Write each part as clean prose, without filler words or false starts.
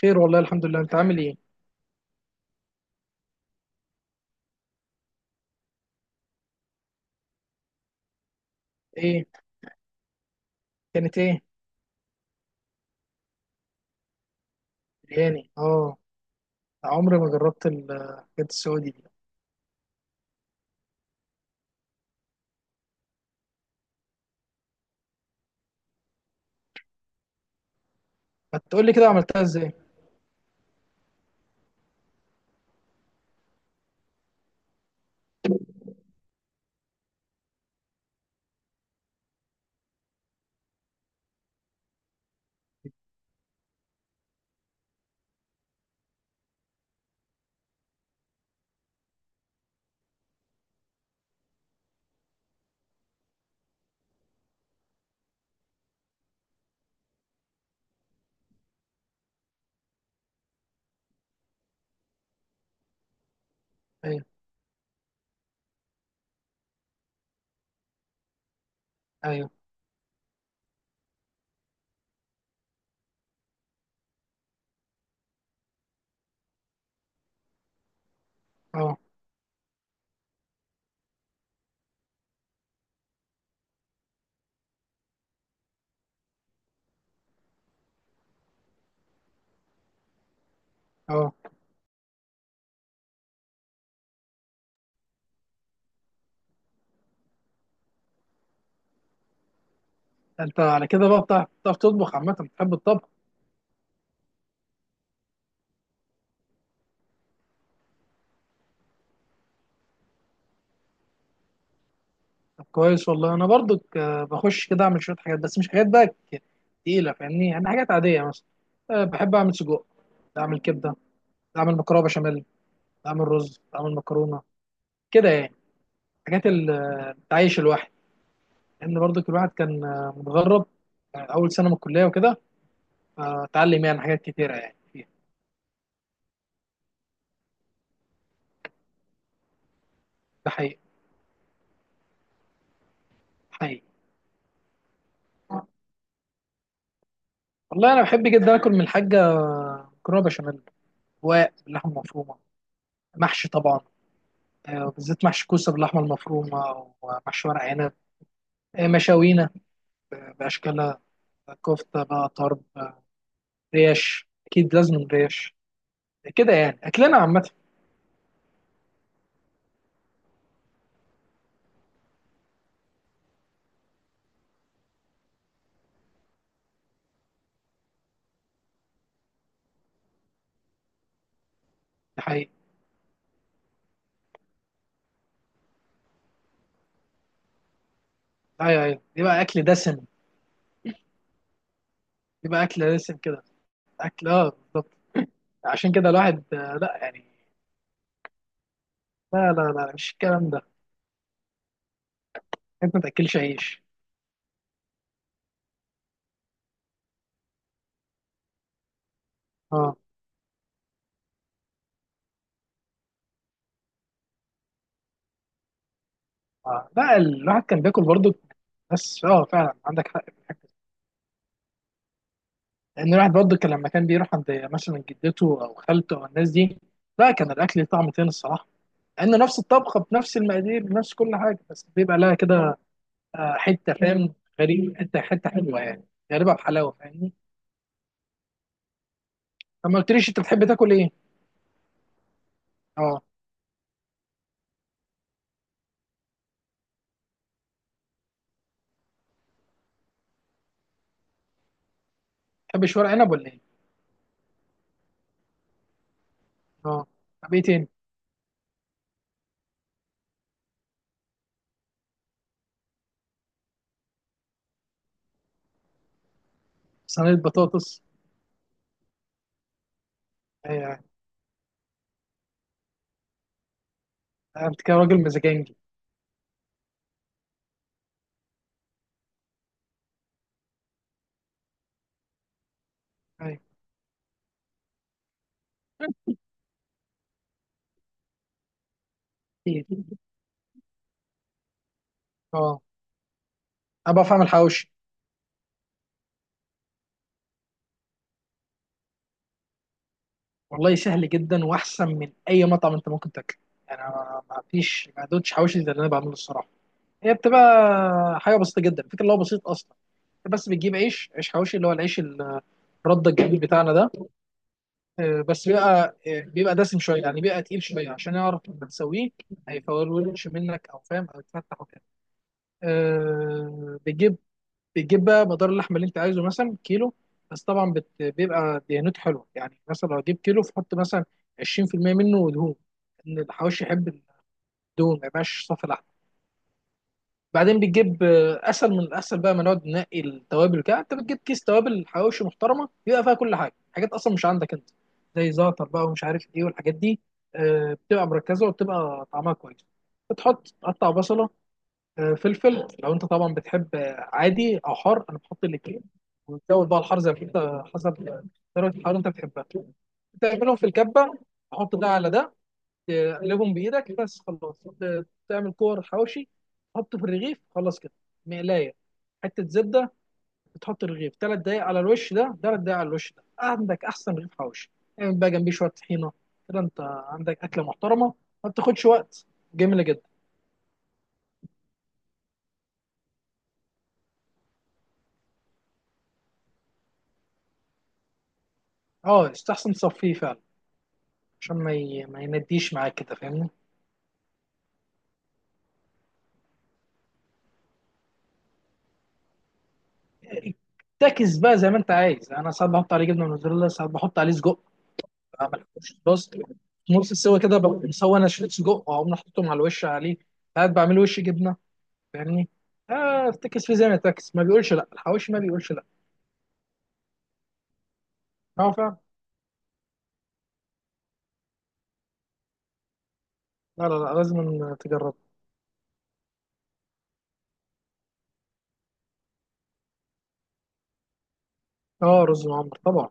خير والله، الحمد لله. انت عامل ايه؟ ايه؟ كانت ايه؟ برياني، اه. عمري ما جربت الحاجات السعودي دي. ما تقول لي كده عملتها ازاي. ايوه. ايوه. اه. اه. انت على كده بقى بتعرف تطبخ عامه، بتحب الطبخ؟ طب كويس والله. انا برضو بخش كده اعمل شويه حاجات، بس مش حاجات بقى ك- تقيله، فاهمني؟ يعني حاجات عاديه مثلا. أه بحب اعمل سجق، اعمل كبده، اعمل مكرونه بشاميل، اعمل رز، اعمل مكرونه، كده يعني. حاجات التعيش الواحد، لان برضه الواحد كان متغرب. اول سنه من الكليه وكده. اتعلم يعني حاجات كتيره يعني فيها. ده حقيقي. حقيقي. والله انا بحب جدا اكل من الحاجه مكرونه بشاميل، رواق باللحمه المفرومه، محشي طبعا. بالذات محشي كوسه باللحمه المفرومه ومحشي ورق عنب. مشاوينا باشكالها. كفته بقى طرب. ريش، اكيد لازم ريش. كده يعني اكلنا عامه. ده حقيقي. ايوه، ايوه، يبقى اكل دسم. يبقى اكل دسم كده، اكل اه بالظبط. عشان كده الواحد لا يعني. لا لا لا، مش الكلام ده. انت ما تاكلش عيش. اه. اه. لا الواحد كان بياكل برضه، بس اه فعلا عندك حق في الحتة دي. لان الواحد برضه كان لما كان بيروح عند مثلا جدته او خالته او الناس دي، لا كان الاكل ليه طعم تاني الصراحه. لان نفس الطبخه بنفس المقادير بنفس كل حاجه، بس بيبقى لها كده حته، فاهم؟ غريب، حته حته حلوه يعني، غريبه بحلاوه، فاهمني؟ طب ما قلتليش انت بتحب تاكل ايه؟ اه. بتحبش ورق عنب ولا ايه؟ اه. طب ايه تاني؟ صينيه بطاطس. ايوه. انت كده راجل مزاجنجي. أيوة. كتير. اه انا بعرف اعمل حواوشي. والله سهل جدا، واحسن من اي مطعم انت ممكن تاكله. يعني انا ما فيش ما دوتش حواوشي زي اللي انا بعمله الصراحه. هي بتبقى حاجه بسيطه جدا، الفكره اللي هو بسيط اصلا. انت بس بتجيب عيش، عيش حواوشي اللي هو العيش الرده الجديد بتاعنا ده. بس بيبقى بيبقى دسم شويه يعني، بيبقى تقيل شويه عشان يعرف لما تسويه هيفولش منك، او فاهم، او يتفتح وكده. آه، بتجيب بتجيب بقى مدار اللحمه اللي انت عايزه، مثلا كيلو. بس طبعا بيبقى دهنته حلوه يعني، مثلا لو هتجيب كيلو فحط مثلا 20% منه دهون، ان الحواوشي يحب الدهون، ما يبقاش صافي لحم. بعدين بتجيب اسهل من الاسهل بقى ما نقعد ننقي التوابل، كده انت بتجيب كيس توابل حواوشي محترمه، بيبقى فيها كل حاجه، حاجات اصلا مش عندك انت زي زعتر بقى ومش عارف ايه والحاجات دي. بتبقى مركزه وبتبقى طعمها كويس. بتحط تقطع بصله، فلفل، لو انت طبعا بتحب عادي او حار، انا بحط الاثنين. وتزود بقى الحار زي ما انت حسب درجه الحراره اللي انت بتحبها. تعملهم في الكبه، تحط ده على ده، تقلبهم بايدك بس خلاص. تعمل كور حواوشي، تحطه في الرغيف خلاص كده. مقلايه، حته زبده. بتحط الرغيف ثلاث دقايق على الوش ده، ثلاث دقايق على الوش ده، عندك احسن رغيف حواوشي. اعمل بقى جنبيه شويه طحينه، كده انت عندك اكله محترمه، ما بتاخدش وقت، جميله جدا. اه يستحسن تصفيه فعلا عشان ما ينديش معاك كده، فاهمني؟ تاكس بقى زي ما انت عايز، انا ساعات بحط عليه جبنه موتزاريلا، ساعات بحط عليه سجق. بعمل بس نص السوا كده، ببقى مسوي انا شريط سجق واقوم حاططهم على الوش عليه. ساعات بعمل وش جبنه، فاهمني؟ اه، افتكس في زي ما تاكس ما بيقولش لا، الحواوشي ما بيقولش لا. اه فعلا. لا لا لا، لازم تجرب. اه رز معمر طبعا.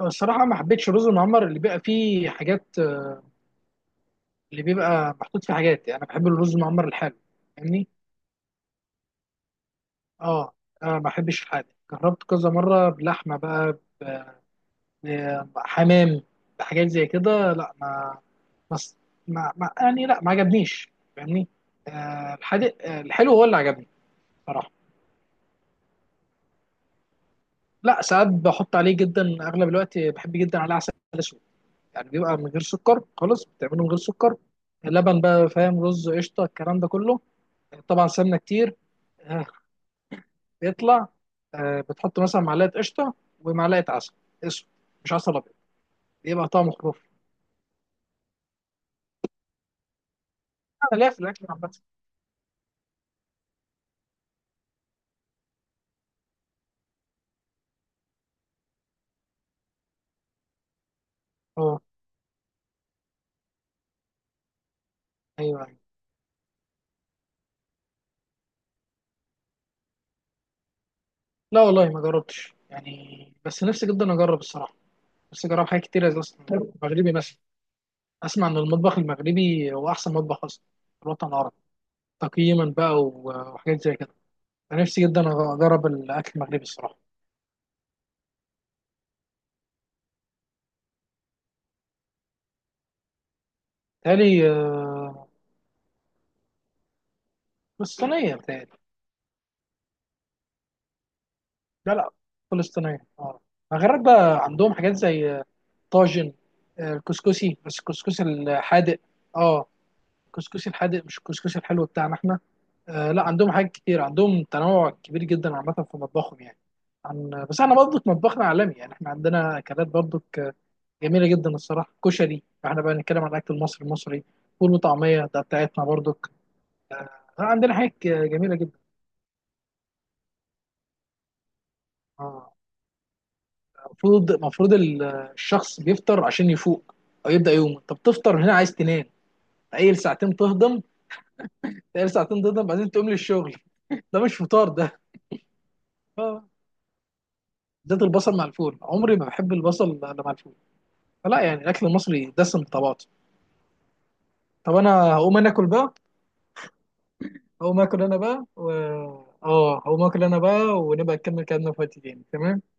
الصراحه ما حبيتش الرز المعمر اللي بيبقى فيه حاجات، اللي بيبقى محطوط فيه حاجات. يعني انا بحب الرز المعمر الحلو، فاهمني؟ اه. انا ما بحبش الحادق، جربت كذا مره بلحمه بقى بحمام، بحاجات زي كده. لا ما ما, ما يعني، لا ما عجبنيش، فاهمني. آه الحادق، آه الحلو هو اللي عجبني. صراحه لا، ساعات بحط عليه جدا. اغلب الوقت بحب جدا عليه عسل اسود. يعني بيبقى من غير سكر خالص، بتعمله من غير سكر، لبن بقى، فاهم؟ رز، قشطه، الكلام ده كله. طبعا سمنه كتير. آه بيطلع. آه بتحط مثلا معلقه قشطه ومعلقه عسل اسود، مش عسل أبيض. بيبقى طعمه خرافي. انا ليا في الاكل عامه. اه، ايوه، ايوه. لا والله ما جربتش يعني، بس نفسي جدا اجرب الصراحه. نفسي اجرب حاجات كتير زي اصلا مغربي مثلا. اسمع ان المطبخ المغربي هو احسن مطبخ اصلا في الوطن العربي، تقييما بقى وحاجات زي كده. انا نفسي جدا اجرب الاكل المغربي الصراحه. تالي. فلسطينيه بتهيألي. لا لا، فلسطينيه اه. المغرب بقى عندهم حاجات زي طاجن، الكسكسي، بس الكسكسي الحادق. اه الكسكسي الحادق مش الكسكسي الحلو بتاعنا احنا. آه لا عندهم حاجات كتير، عندهم تنوع كبير جدا عامة في مطبخهم يعني. عن بس احنا برضك مطبخنا عالمي يعني، احنا عندنا اكلات برضك جميلة جدا الصراحة. كشري، احنا بقى نتكلم عن الاكل المصري فول وطعمية ده بتاعتنا برضك. عندنا حاجات جميلة جدا. آه، المفروض الشخص بيفطر عشان يفوق او يبدأ يومه. انت بتفطر هنا، عايز تنام، تقيل ساعتين تهضم، تقيل ساعتين تهضم بعدين تقوم للشغل. ده مش فطار ده. آه، زيت البصل مع الفول، عمري ما بحب البصل الا مع الفول. فلا يعني الاكل المصري دسم بطبعاته. طب انا هقوم انا اكل بقى، هقوم اكل انا بقى و... اه هقوم اكل انا بقى، ونبقى نكمل كلامنا في وقت تاني، تمام.